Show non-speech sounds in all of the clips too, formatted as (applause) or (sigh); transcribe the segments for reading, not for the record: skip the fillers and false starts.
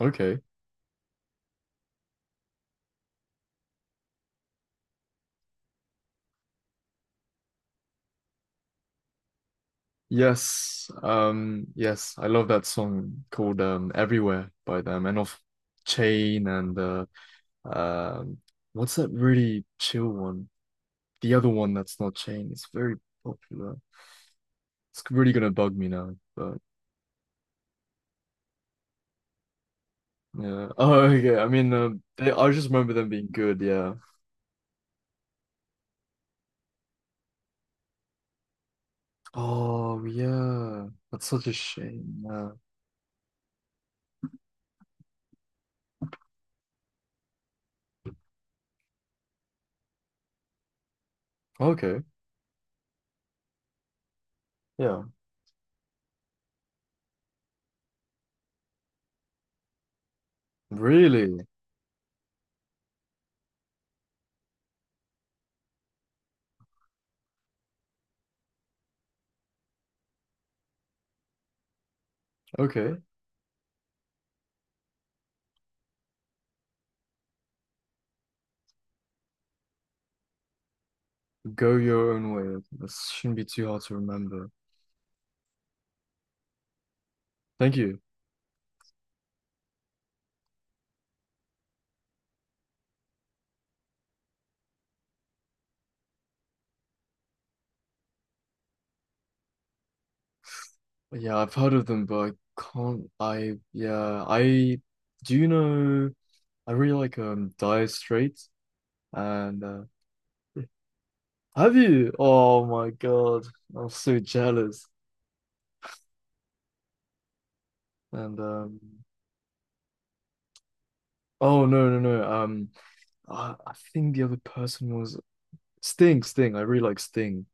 Okay. Yes. Yes, I love that song called Everywhere by them and off Chain and um what's that really chill one? The other one that's not Chain. It's very popular. It's really gonna bug me now, but yeah. (laughs) Oh, okay. I just remember them being good, yeah. Oh, yeah. That's such a shame. Yeah. Okay. Yeah. Really? Okay. Go your own way. This shouldn't be too hard to remember. Thank you. Yeah, I've heard of them, but I can't. I yeah, I do you know. I really like Dire Straits, and have you? Oh my God, I'm so jealous. And oh no no no. I think the other person was Sting. Sting. I really like Sting.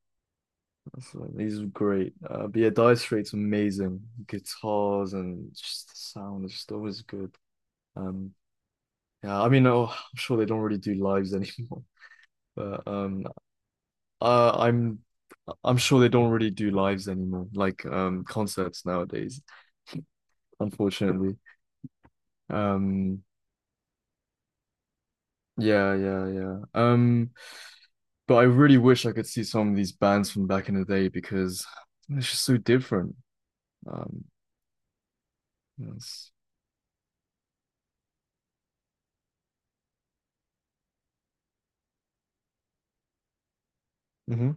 So these are great. But yeah, Dire Straits amazing. Guitars and just the sound is just always good. Um, yeah, I mean, oh, I'm sure they don't really do lives anymore. (laughs) But Uh, I'm I'm sure they don't really do lives anymore, like concerts nowadays, unfortunately. Um yeah, yeah, yeah. But I really wish I could see some of these bands from back in the day because it's just so different. Um yes. Hmm.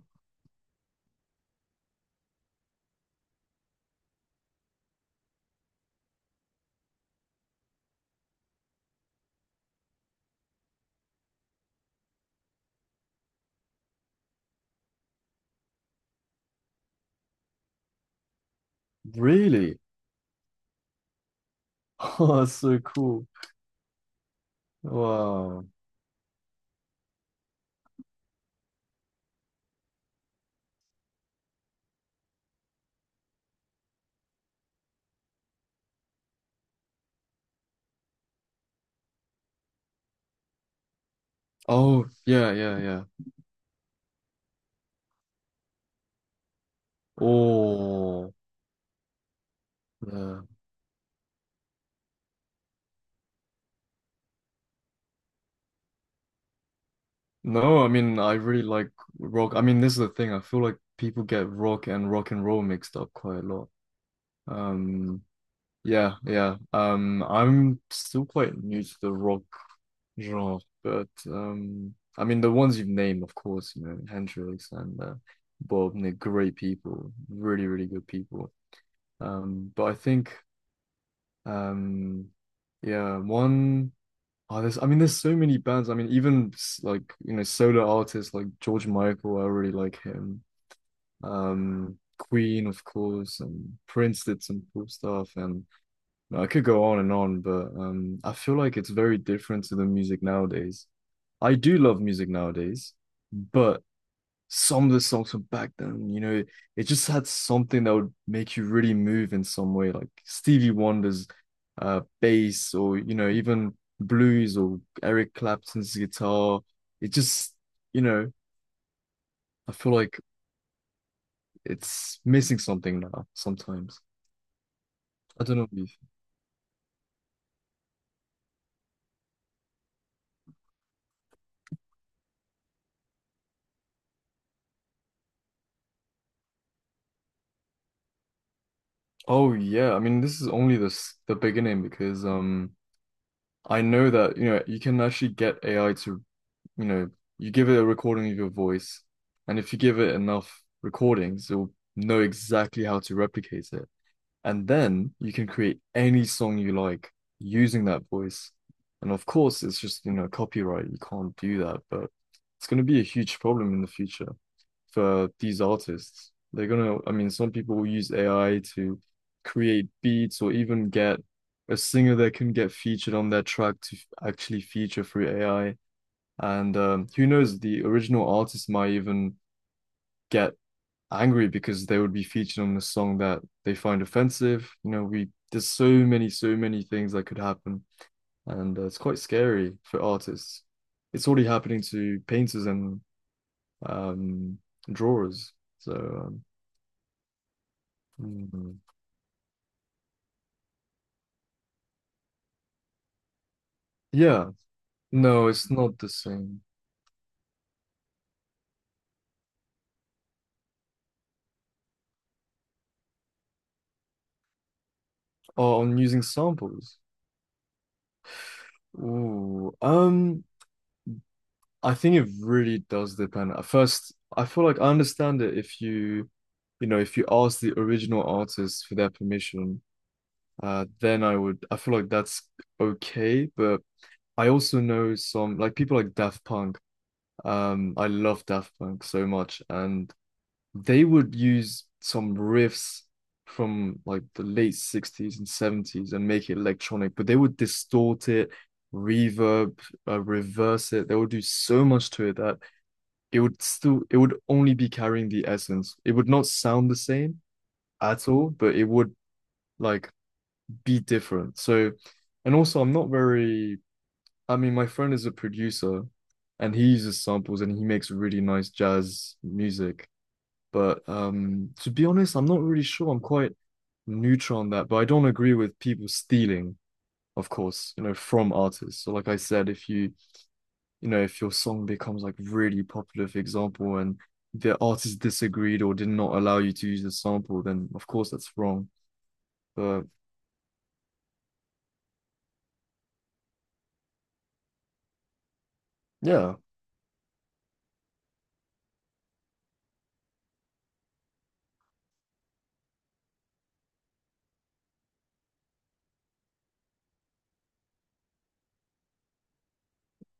Really? (laughs) Oh, that's so cool. Wow. Oh, yeah, yeah, yeah. Oh, yeah. No, I mean, I really like rock. I mean, this is the thing. I feel like people get rock and rock and roll mixed up quite a lot. Um, yeah, yeah. I'm still quite new to the rock genre, but I mean, the ones you've named, of course, you know, Hendrix and Bob, they're great people, really, really good people. But I think, um, yeah, one. Oh, I mean, there's so many bands. I mean, even like, you know, solo artists like George Michael, I really like him. Queen, of course, and Prince did some cool stuff. And you know, I could go on and on, but I feel like it's very different to the music nowadays. I do love music nowadays, but some of the songs from back then, you know, it just had something that would make you really move in some way, like Stevie Wonder's bass or you know, even blues or Eric Clapton's guitar. It just, you know, I feel like it's missing something now sometimes. I don't know what you think. Oh yeah, I mean this is only the beginning because I know that you know you can actually get AI to you know, you give it a recording of your voice, and if you give it enough recordings, it'll know exactly how to replicate it. And then you can create any song you like using that voice. And of course, it's just, you know, copyright. You can't do that, but it's going to be a huge problem in the future for these artists. I mean, some people will use AI to create beats or even get a singer that can get featured on their track to actually feature through AI and who knows, the original artist might even get angry because they would be featured on a song that they find offensive. You know, we there's so many, so many things that could happen, and it's quite scary for artists. It's already happening to painters and um, drawers. So um, mm, yeah, no, it's not the same. Oh, on using samples. Ooh, I think it really does depend. At first, I feel like I understand it if you know, if you ask the original artist for their permission, then I feel like that's okay. But I also know some, like people like Daft Punk. I love Daft Punk so much, and they would use some riffs from like the late 60s and 70s and make it electronic, but they would distort it, reverb, reverse it. They would do so much to it that it would only be carrying the essence. It would not sound the same at all, but it would like be different. So, and also I'm not very, I mean, my friend is a producer and he uses samples and he makes really nice jazz music. But to be honest, I'm not really sure. I'm quite neutral on that, but I don't agree with people stealing, of course, you know, from artists. So like I said, if you know, if your song becomes like really popular, for example, and the artist disagreed or did not allow you to use the sample, then of course that's wrong. But yeah,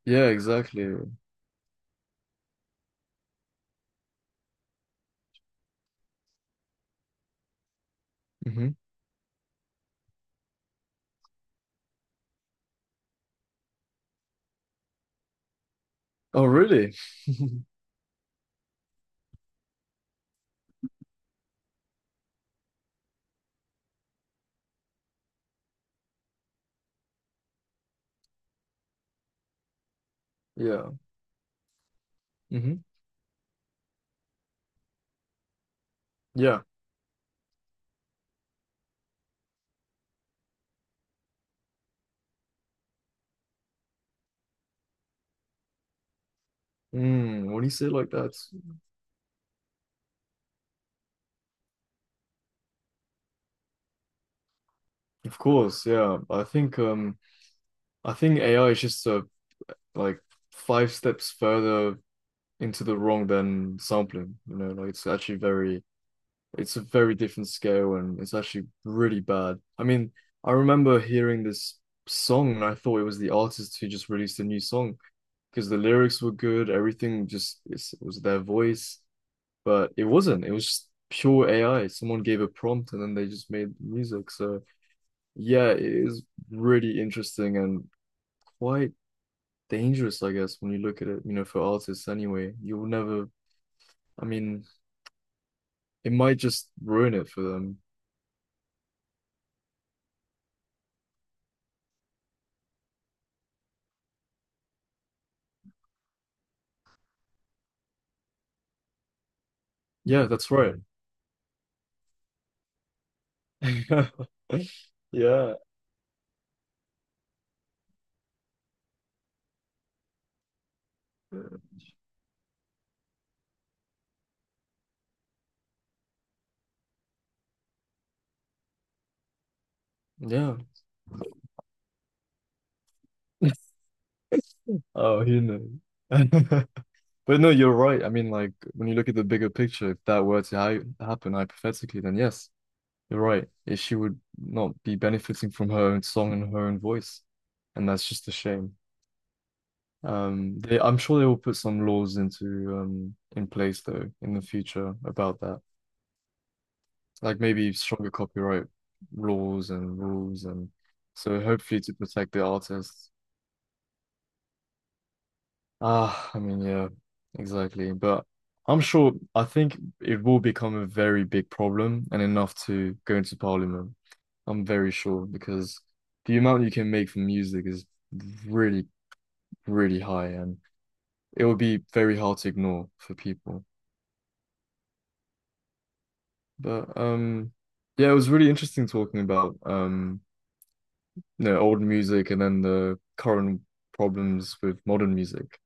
yeah, exactly. Hmm. Oh, really? (laughs) Yeah. Hmm. Yeah. Mm, when you say it like that, of course, yeah. I think AI is just like five steps further into the wrong than sampling. You know, like it's actually very It's a very different scale and it's actually really bad. I mean, I remember hearing this song and I thought it was the artist who just released a new song because the lyrics were good, it was their voice, but it wasn't. It was just pure AI. Someone gave a prompt and then they just made music. So yeah, it is really interesting and quite dangerous, I guess, when you look at it, you know, for artists anyway. You'll never, I mean, it might just ruin it for them. Yeah, that's right. (laughs) Yeah, yeah. (laughs) Oh, who knows? (laughs) But no, you're right. I mean, like when you look at the bigger picture, if that were to ha happen hypothetically, then yes, you're right. If she would not be benefiting from her own song and her own voice, and that's just a shame. I'm sure they will put some laws into in place though in the future about that, like maybe stronger copyright laws and rules, and so hopefully to protect the artists. Ah, I mean, yeah, exactly. But I think it will become a very big problem and enough to go into parliament. I'm very sure because the amount you can make from music is really, really high and it will be very hard to ignore for people. But yeah, it was really interesting talking about you know old music and then the current problems with modern music.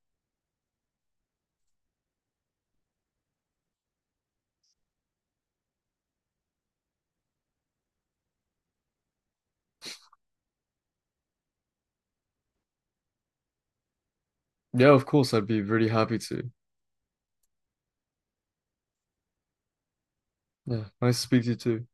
Yeah, of course, I'd be really happy to. Yeah, nice to speak to you too.